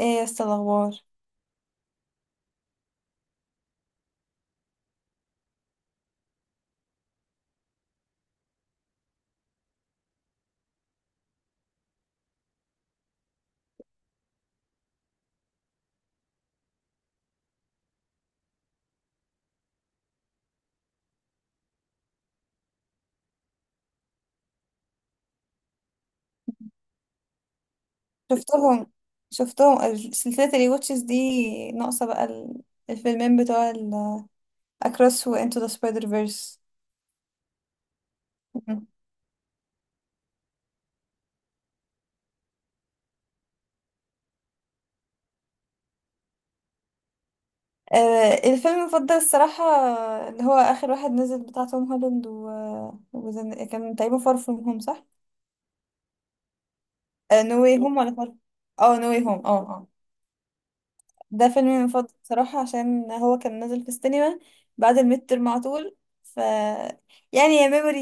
ايه يس الاخبار؟ شفتهم شفتهم سلسلة الواتشز دي ناقصة بقى الفيلمين بتوع اكروس وانتو ذا سبايدر فيرس. الفيلم المفضل الصراحة، اللي هو آخر واحد نزل بتاع توم هولاند كان تقريبا فار فروم هوم، صح؟ نو واي هوم ولا فار؟ اه، نو واي هوم. اه. ده فيلمي المفضل بصراحة، عشان هو كان نازل في السينما بعد الميد ترم على طول. ف يعني يا ميموري،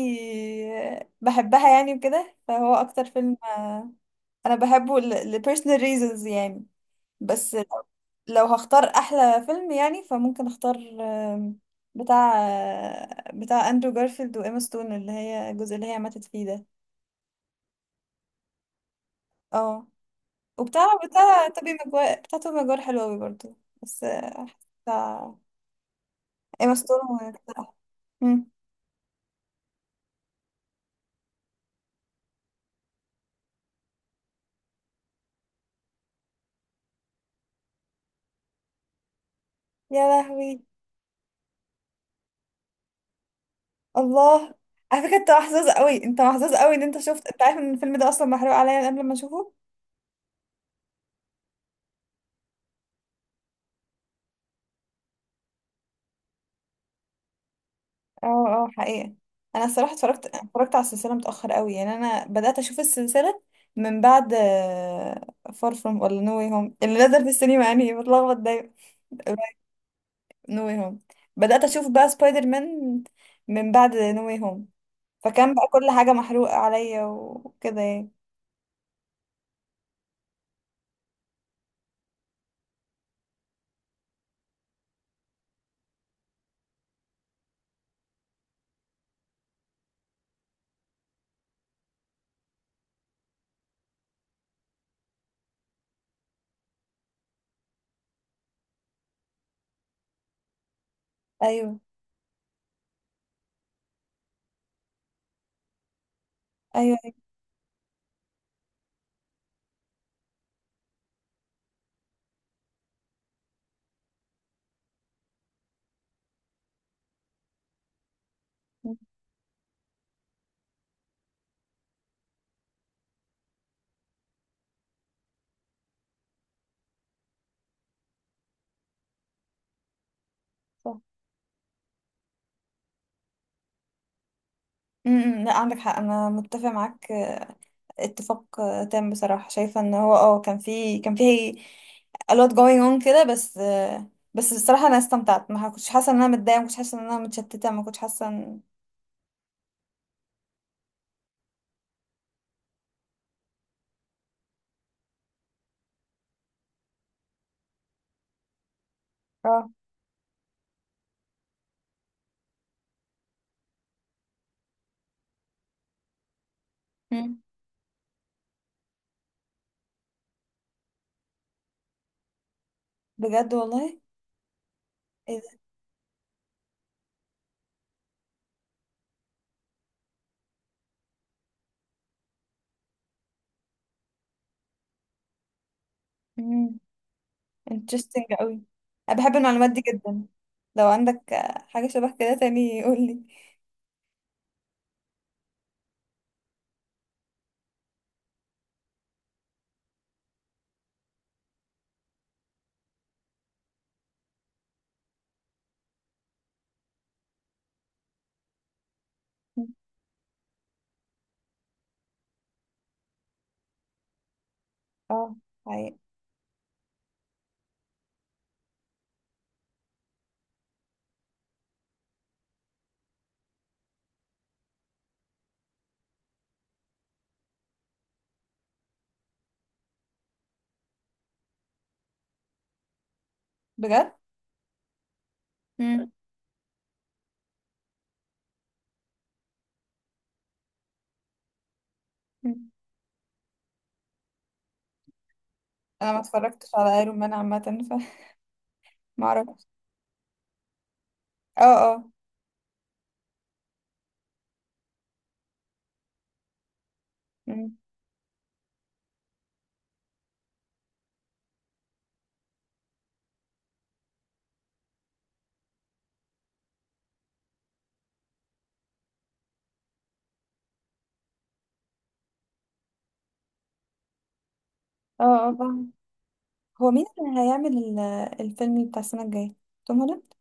بحبها يعني وكده، فهو أكتر فيلم أنا بحبه ل personal reasons يعني. بس لو هختار أحلى فيلم يعني، فممكن أختار آم، بتاع آه، بتاع أندرو جارفيلد وإيما ستون، اللي هي الجزء اللي هي ماتت فيه ده. اه. وبتاع توبي ماجواير، بتاع توبي ماجواير حلو أوي برضه. بس، بتاع إيما ستون. مم. يا لهوي. الله. على فكرة، انت محظوظ قوي، انت محظوظ قوي ان انت شفت. انت عارف ان الفيلم ده اصلا محروق عليا قبل ما اشوفه. اه، اه، حقيقة. انا الصراحة اتفرجت اتفرجت على السلسلة متأخر قوي. يعني انا بدأت اشوف السلسلة من بعد فار فروم ولا نو واي هوم اللي نزل في السينما، يعني بتلخبط دايما. نو واي هوم. بدأت اشوف بقى سبايدر مان من بعد نو واي هوم. فكان بقى كل حاجة محروقة عليا وكده يعني. ايوه، ايوه، صح. لا، عندك حق، انا متفق معاك. اتفاق تام. بصراحة شايفة ان هو كان في a lot going on كده. بس بصراحة انا استمتعت، ما كنتش حاسة ان انا متضايقة، ما كنتش حاسة ان انا متشتتة، ما كنتش حاسة ان... اه. مم. بجد، والله؟ ايه ده. مم. interesting قوي. انا بحب المعلومات دي جدا. لو عندك حاجة شبه كده تاني، قولي. مم. اه، حقيقي. بجد. مم. مم. انا ما اتفرجتش على ايرون مان عامة، فما... اعرفش. اه، اه. مم. اه، اه، فاهمة. هو مين اللي هيعمل الفيلم بتاع السنة الجاية؟ توم هولاند؟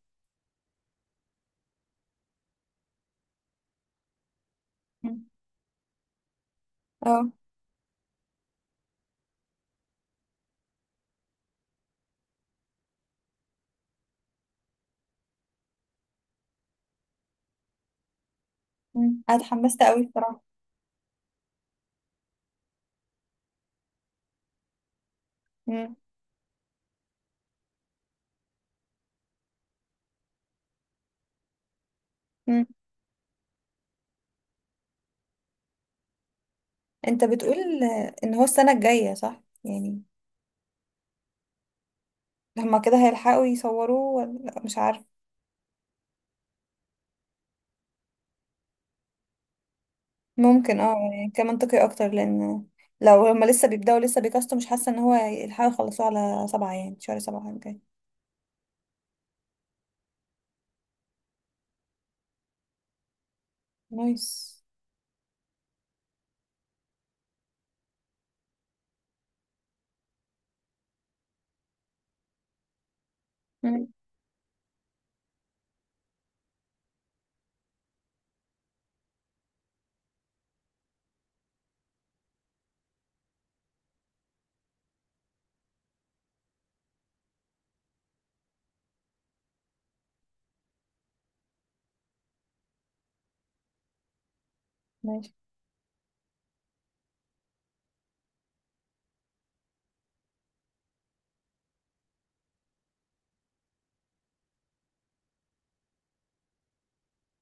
مم. اه. مم. انا اتحمست قوي بصراحة. مم. مم. انت بتقول ان هو السنة الجاية، صح يعني؟ هما كده هيلحقوا يصوروه ولا مش عارف؟ ممكن، يعني كان منطقي اكتر، لان لو هما لسه بيبدأوا لسه بيكاستوا، مش حاسة ان هو يلحقوا يخلصوه على 7، يعني شهر 7 الجاي. نايس. مم. ماشي.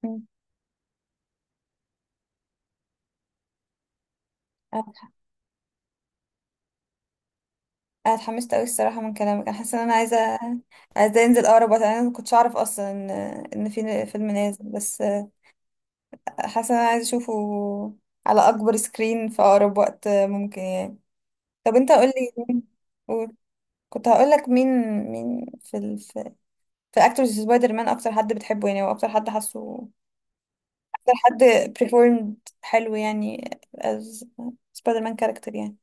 مم. انا اتحمست قوي الصراحه من كلامك. انا حاسه ان انا عايزه عايزه انزل اقرب وقت. انا ما كنتش اعرف اصلا ان في فيلم نازل بس. حاسه ان انا عايزه اشوفه على اكبر سكرين في اقرب وقت ممكن يعني. طب انت قول لي. قول. كنت هقول لك مين. مين في اكتورز سبايدر مان، اكتر حد بتحبه يعني، واكتر حد حاسه اكتر حد performed حلو يعني as سبايدر مان كاركتر يعني.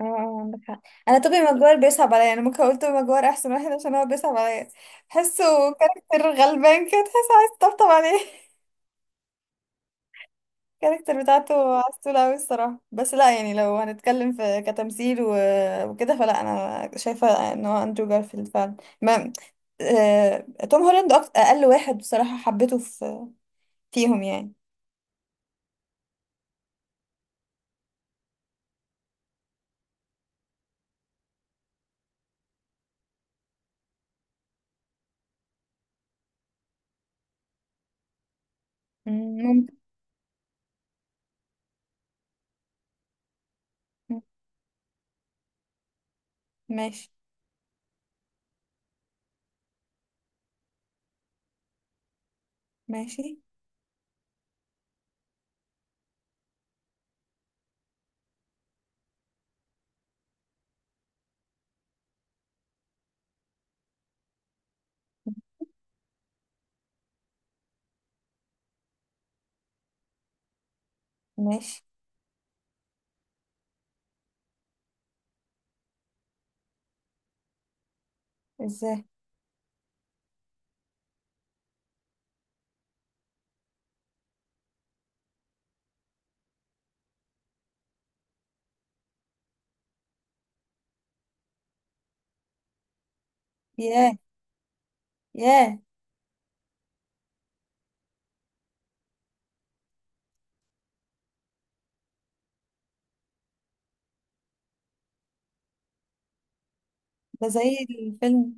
اه، اه، عندك حق. انا توبي ماجوار بيصعب عليا، انا ممكن اقول توبي ماجوار احسن واحد عشان هو بيصعب عليا. تحسه كاركتر غلبان كده، تحس عايز تطبطب عليه. الكاركتر بتاعته عسولة أوي الصراحة. بس لا يعني، لو هنتكلم في كتمثيل وكده، فلا، أنا شايفة إن هو أندرو جارفيلد فعلا. ما آه... توم هولاند أقل واحد بصراحة حبيته فيهم يعني. مم، ممكن. مم، ماشي. ماشي. ماشي. ازاي؟ ياه. ياه. ده زي الفيلم.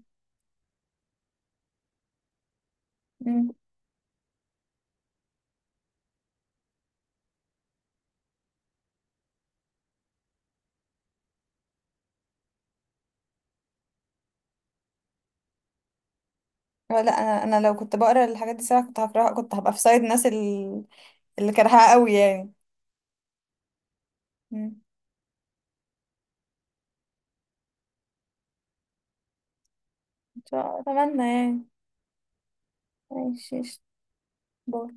لا، انا لو كنت بقرا الحاجات دي ساعة كنت هكرهها، كنت هبقى في سايد ناس اللي كرهها قوي يعني. مم. ان شاء الله، اتمنى يعني. ماشي. باي.